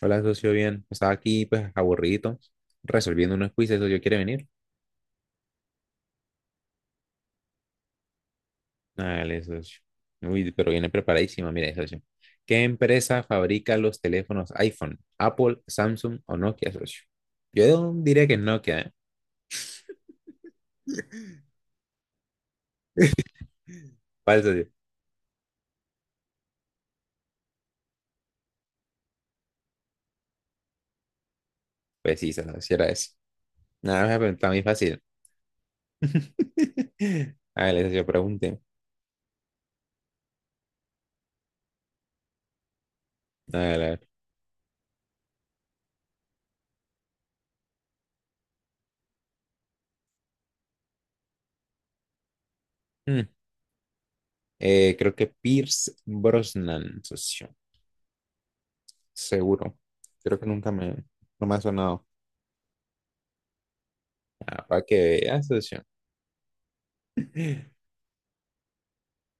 Hola, socio, bien. Estaba aquí, pues, aburrido, resolviendo unos quizzes, socio. ¿Quiere venir? Dale, socio. Uy, pero viene preparadísima, mire, socio. ¿Qué empresa fabrica los teléfonos iPhone? ¿Apple, Samsung o Nokia, socio? Yo diría que es Nokia, ¿eh? ¿Cuál, socio? Pues sí, socio, si era eso. Nada, me preguntaba muy fácil. Dale, socio, pregunte. Dale, a ver. Mm. Creo que Pierce Brosnan, socio. Seguro. Creo que nunca me, No me ha sonado. Ah, para que veas, socio.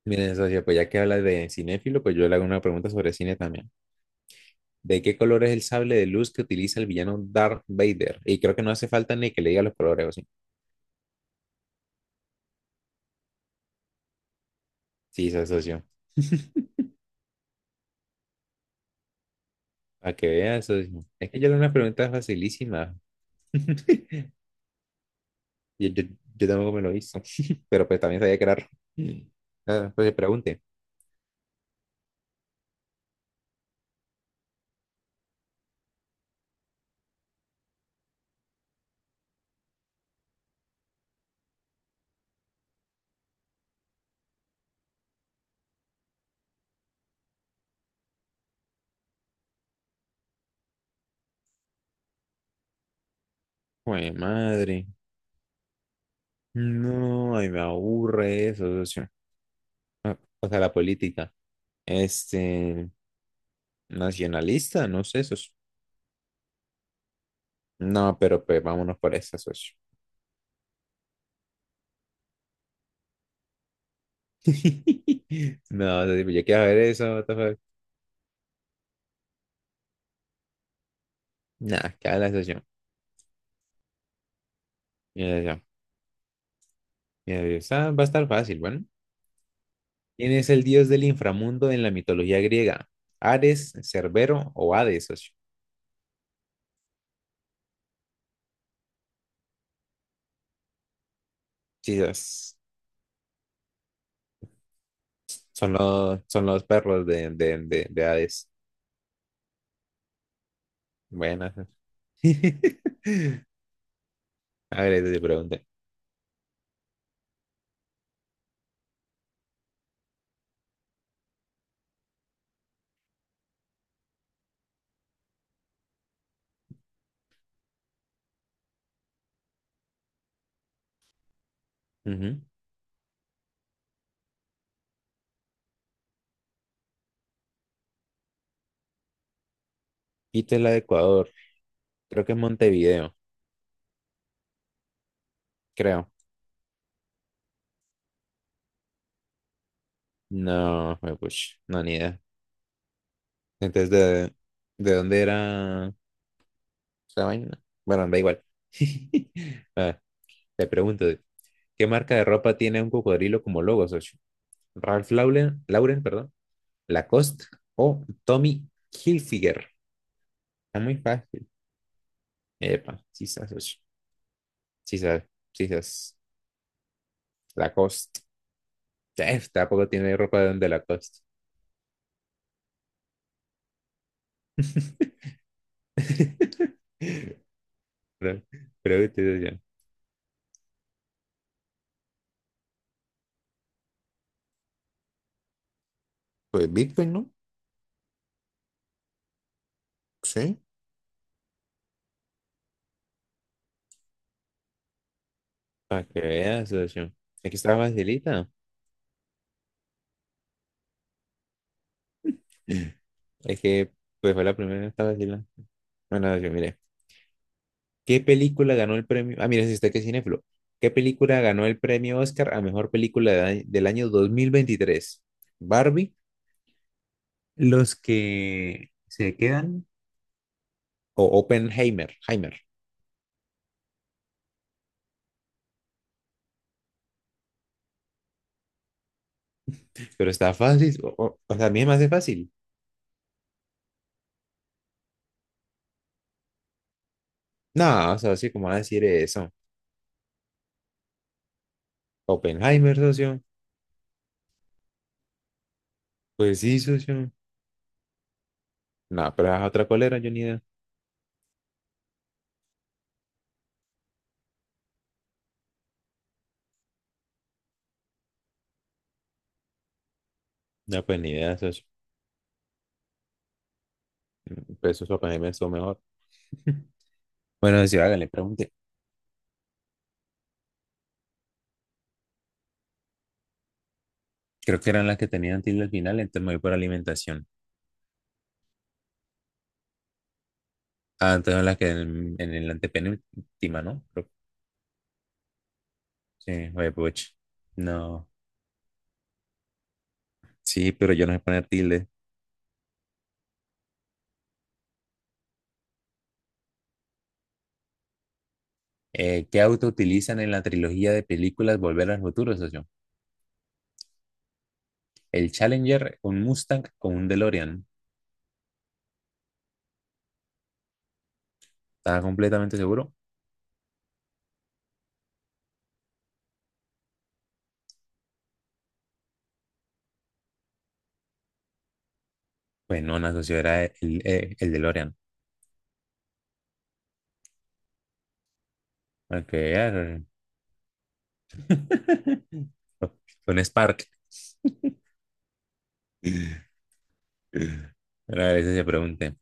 Miren, socio, pues ya que hablas de cinéfilo, pues yo le hago una pregunta sobre cine también. ¿De qué color es el sable de luz que utiliza el villano Darth Vader? Y creo que no hace falta ni que le diga los colores, ¿o sí? Sí, socio. Para que veas, socio. Es que yo le hago una pregunta facilísima. Yo, yo, yo tampoco me lo hizo, pero pues también sabía que era rojo. Ah, pues pregunte. Jue madre. No, ay, me aburre eso, socio. Ah, o sea, la política. Este, nacionalista, no sé, eso. No, pero pues vámonos por esa, socio. No, yo quiero ver eso, what the fuck. Nah, que la socio. Mira yo, mira yo. Esa va a estar fácil, bueno. ¿Quién es el dios del inframundo en la mitología griega? ¿Ares, Cerbero o Hades, socio? Jesus. Son los perros de Hades. Buenas. A ver, te pregunté. Ujú. Quito la de Ecuador. Creo que es Montevideo. Creo. No, me push. No, ni idea. Entonces, ¿de dónde era esa vaina? Bueno, da igual. Ah, te pregunto, ¿qué marca de ropa tiene un cocodrilo como logo, socio? Ralph Lauren, Lauren, perdón, Lacoste o Tommy Hilfiger. Está muy fácil. Epa, sí sabes, socio. Sí sabes, sí sabes. Lacoste. Tampoco tiene ropa de Lacoste. Pero, pregúntese, socio. Pues Bitcoin, ¿no? Sí. Para que veas, socio. Aquí está facilita. Es que, pues fue la primera que estaba vacilando. Bueno, yo mire. ¿Qué película ganó el premio? Ah, mira, si usted que es cinéfilo. ¿Qué película ganó el premio Oscar a mejor película del año 2023? Barbie, Los que se quedan o Oppenheimer, Heimer. Pero está fácil, o sea, a mí me hace fácil. No, o socio, ¿cómo va a decir eso? Oppenheimer, socio. Pues sí, socio. No, pero es otra colera, yo ni idea. No, pues ni idea, socio. Pues socio, Oppenheimer estuvo mejor. Bueno, socio, hágale, pregunte. Creo que eran las que tenían tilde al final, entonces me voy por alimentación. Ah, entonces las que en el antepenúltima, ¿no? Creo... Sí, oye, puch. No. Sí, pero yo no sé poner tilde. ¿Qué auto utilizan en la trilogía de películas Volver al Futuro, socio? ¿El Challenger, un Mustang o un DeLorean? ¿Estaba completamente seguro? Pues no, no, socio, era el DeLorean. Okay. Un Spark. Ahora a veces se pregunte.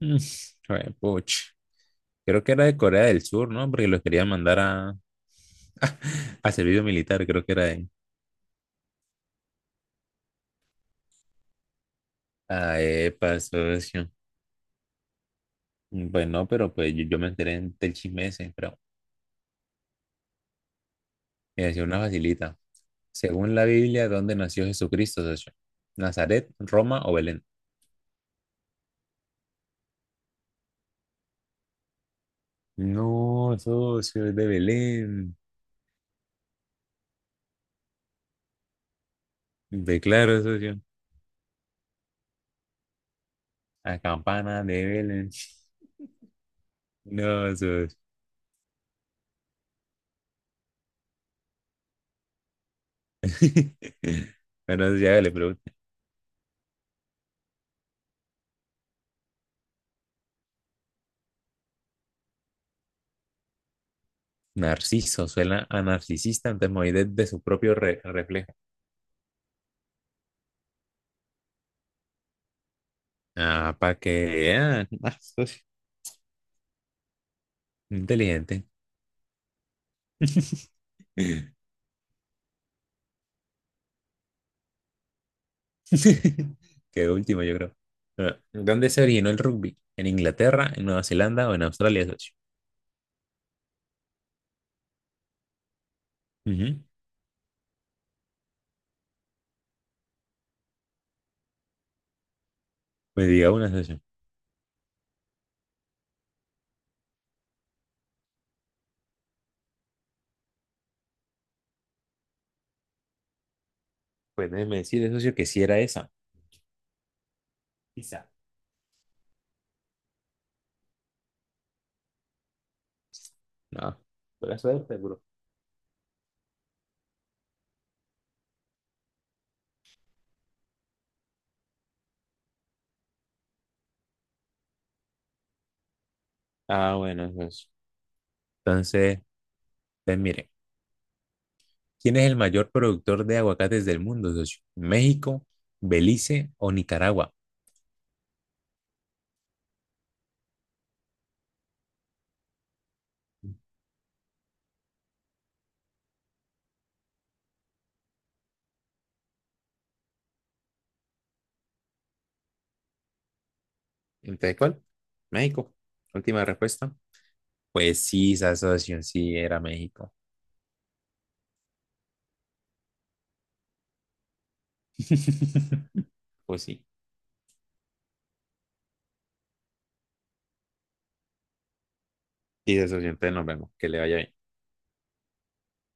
Mm, Joder, puch. Creo que era de Corea del Sur, ¿no? Porque los querían mandar a, a servicio militar, creo que era de... Ah, epa, socio. Pues no, pero pues yo, yo me enteré del chisme ese, pero me decía una facilita. Según la Biblia, ¿dónde nació Jesucristo, socio? ¿Nazaret, Roma o Belén? No, socio, es de Belén. De claro, socio. La campana de Belén. No, socio. Bueno, ya le pregunto. Narciso, suena a narcisista, entonces me voy de su propio reflejo. Ah, para que vean. Ah, soy inteligente. Qué último, yo creo. Ah, ¿dónde se originó el rugby? ¿En Inglaterra, en Nueva Zelanda o en Australia, socio? Ujú. Pues diga una, socio. Pues déjeme decirle, socio, que sí era esa. Quizá. No, por eso es seguro. Ah, bueno, socio. Entonces, pues mire, ¿quién es el mayor productor de aguacates del mundo, socio? ¿México, Belice o Nicaragua? Entonces, ¿cuál? México. Última respuesta. Pues sí, esa asociación sí era México. Pues sí. Y esa asociación, entonces nos vemos. Que le vaya bien.